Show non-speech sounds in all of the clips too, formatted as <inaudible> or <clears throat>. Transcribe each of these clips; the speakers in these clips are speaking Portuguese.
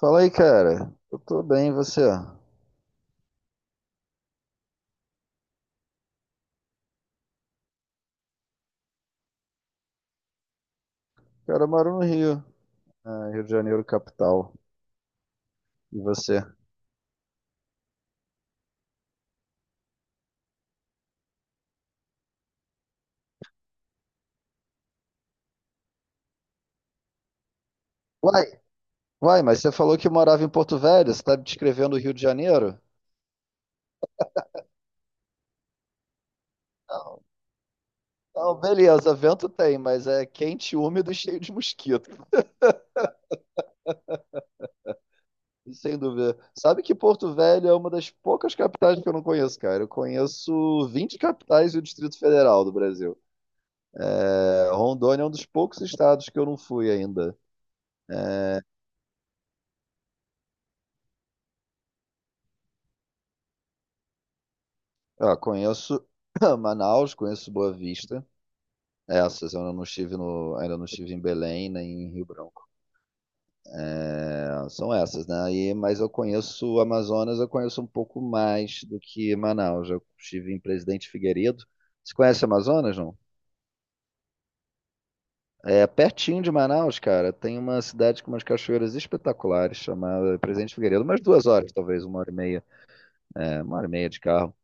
Fala aí, cara. Eu tô bem, e você? Cara, eu moro no Rio, ah, Rio de Janeiro, capital. E você? Uai, uai, mas você falou que morava em Porto Velho, você tá descrevendo o Rio de Janeiro? Não, não, beleza, vento tem, mas é quente, úmido e <laughs> cheio de mosquito, sem dúvida. Sabe que Porto Velho é uma das poucas capitais que eu não conheço, cara. Eu conheço 20 capitais e o Distrito Federal do Brasil. É, Rondônia é um dos poucos estados que eu não fui ainda. Ah, conheço <coughs> <clears throat> Manaus, conheço Boa Vista. É, essas, eu não estive ainda não estive em Belém nem em Rio Branco. É, são essas, né? Mas eu conheço o Amazonas, eu conheço um pouco mais do que Manaus. Eu estive em Presidente Figueiredo. Você conhece Amazonas, não? É pertinho de Manaus, cara. Tem uma cidade com umas cachoeiras espetaculares chamada Presidente Figueiredo, umas 2 horas, talvez, 1 hora e meia. É, uma hora e meia de carro.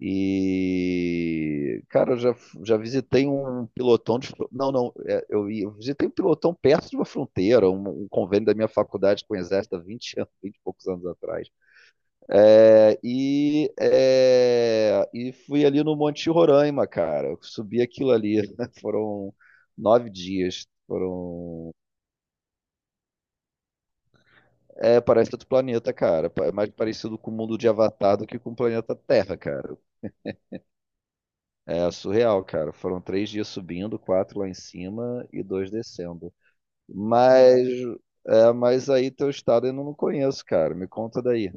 E, cara, eu já visitei um pilotão de. Não, não, eu visitei um pilotão perto de uma fronteira, um convênio da minha faculdade com o Exército há 20 anos, <laughs> 20 e poucos anos atrás. Fui ali no Monte Roraima, cara. Eu subi aquilo ali. <laughs> Foram 9 dias. Foram. É, parece outro planeta, cara. É mais parecido com o mundo de Avatar do que com o planeta Terra, cara. É surreal, cara. Foram 3 dias subindo, quatro lá em cima e dois descendo. Mas, mas aí teu estado eu não conheço, cara. Me conta daí.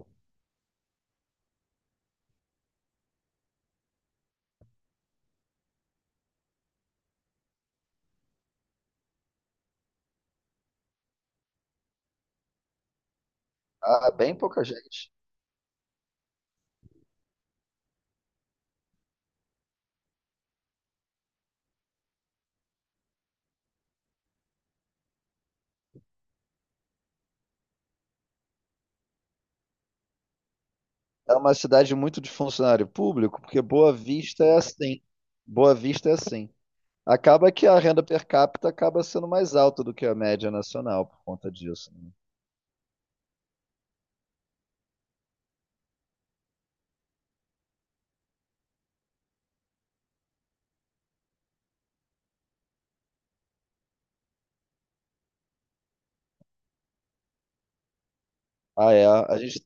Ah, bem pouca gente. É uma cidade muito de funcionário público, porque Boa Vista é assim. Boa Vista é assim. Acaba que a renda per capita acaba sendo mais alta do que a média nacional por conta disso, né? Ah, é. A gente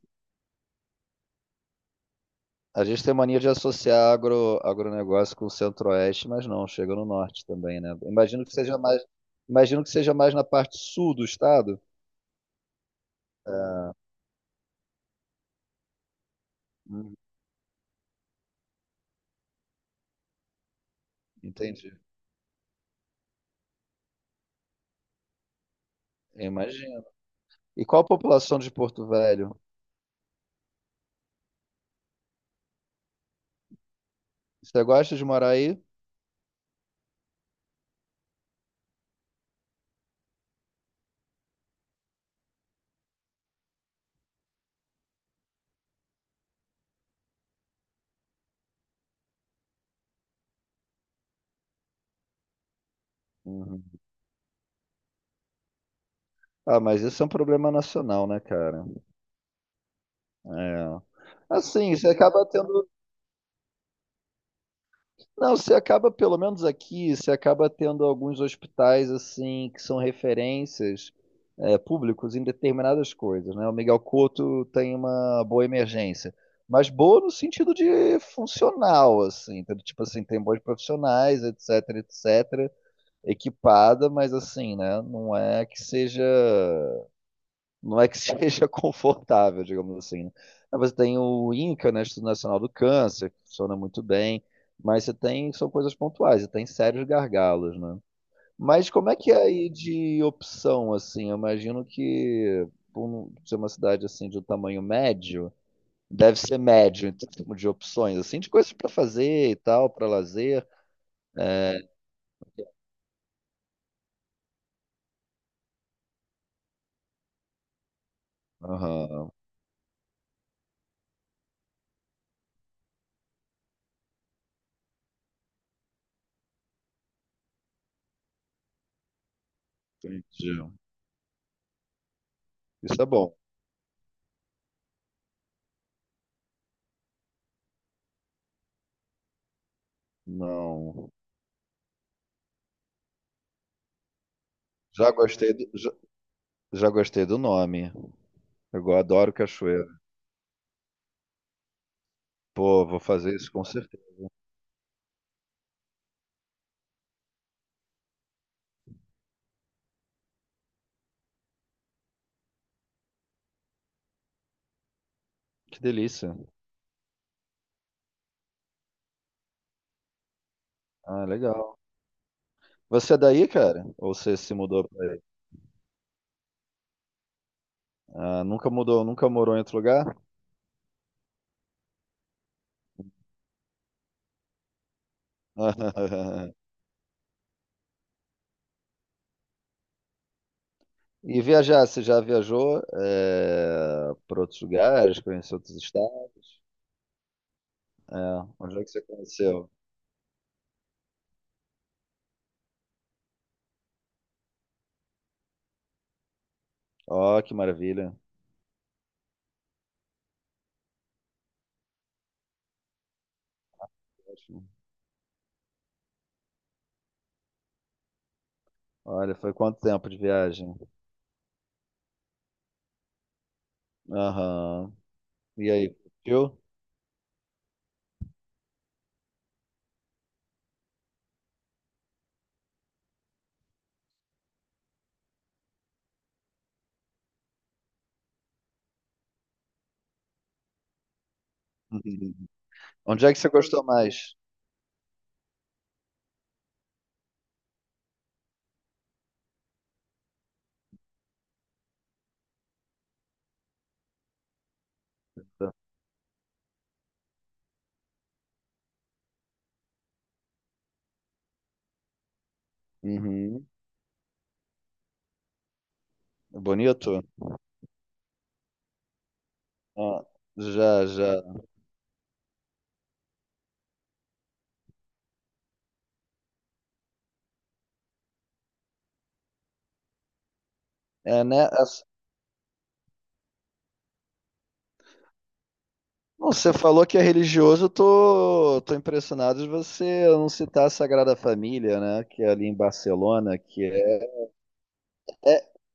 A gente tem mania de associar agro, agronegócio com o centro-oeste, mas não, chega no norte também, né? Imagino que seja mais na parte sul do estado. Hum, entendi. Imagino. E qual a população de Porto Velho? Você gosta de morar aí? Uhum. Ah, mas isso é um problema nacional, né, cara? É. Assim, você acaba tendo. Não, você acaba, pelo menos aqui, você acaba tendo alguns hospitais assim que são referências públicos em determinadas coisas, né? O Miguel Couto tem uma boa emergência, mas boa no sentido de funcional, assim, entendeu? Tipo assim, tem bons profissionais, etc, etc, equipada, mas assim? Não é que seja <laughs> confortável, digamos assim, né? Aí você tem o INCA, né, Instituto Nacional do Câncer, que funciona muito bem, mas você tem, são coisas pontuais, você tem sérios gargalos, né? Mas como é que é aí de opção, assim? Eu imagino que, por ser uma cidade, assim, de um tamanho médio, deve ser médio em termos de opções, assim, de coisas para fazer e tal, para lazer. É... Aham, entendi. Isso é bom. Não. Já gostei do, já, já gostei do nome. Eu adoro cachoeira. Pô, vou fazer isso com certeza. Que delícia. Ah, legal. Você é daí, cara? Ou você se mudou pra aí? Ah, nunca mudou, nunca morou em outro lugar? <laughs> E viajar, você já viajou para outros lugares, conheceu outros estados? É, onde é que você conheceu? Ó, que maravilha. Ótimo. Olha, foi quanto tempo de viagem? Aham. E aí, curtiu? <laughs> Onde é que você gostou mais? Uhum. Bonito? Ah, já, já. É, né? Bom, você falou que é religioso, eu tô impressionado de você não citar a Sagrada Família, né? Que é ali em Barcelona, que é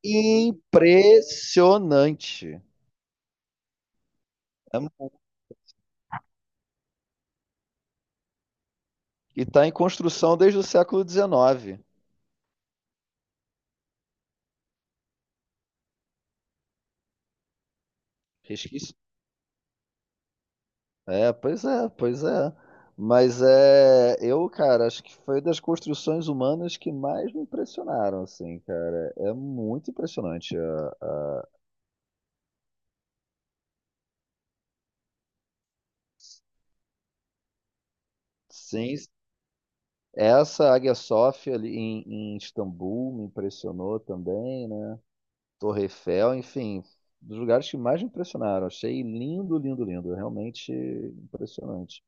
impressionante. É mu- E está em construção desde o século XIX. Resquício. É, pois é, pois é. Mas é, eu, cara, acho que foi das construções humanas que mais me impressionaram, assim, cara. É muito impressionante. É. Sim, essa Águia Sofia ali em, Istambul me impressionou também, né? Torre Eiffel, enfim, dos lugares que mais me impressionaram. Achei lindo, lindo, lindo, realmente impressionante.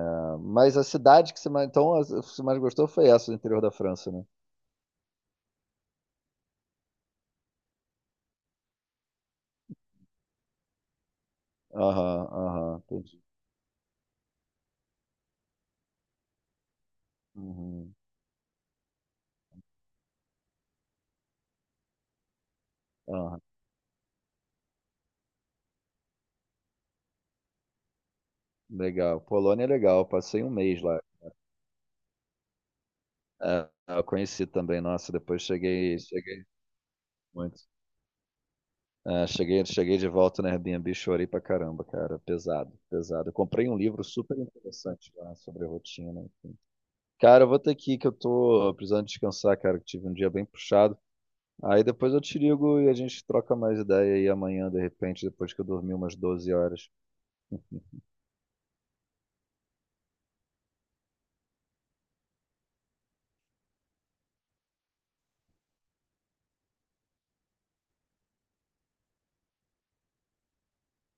Ah, mas a cidade que você mais, então, que você mais gostou foi essa do interior da França, né? Aham, aham, entendi. Uhum, aham, legal. Polônia é legal, passei um mês lá. Ah, eu conheci também, nossa, depois cheguei muito. Ah, cheguei de volta na Airbnb, chorei pra caramba, cara. Pesado, pesado. Eu comprei um livro super interessante lá sobre rotina, enfim. Cara, eu vou ter que ir, que eu tô precisando descansar, cara, que tive um dia bem puxado. Aí depois eu te ligo e a gente troca mais ideia aí amanhã, de repente, depois que eu dormi umas 12 horas.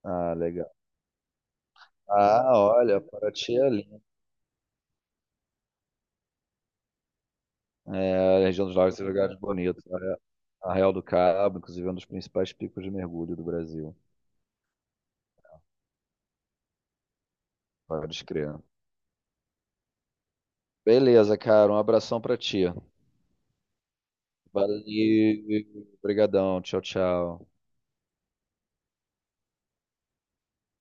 Ah, legal. Ah, olha, Paraty é lindo. É, a região dos lagos tem lugares bonitos. É, a Real do Cabo, inclusive, é um dos principais picos de mergulho do Brasil. Pode crer. Beleza, cara. Um abração pra ti. Valeu, obrigadão, tchau, tchau.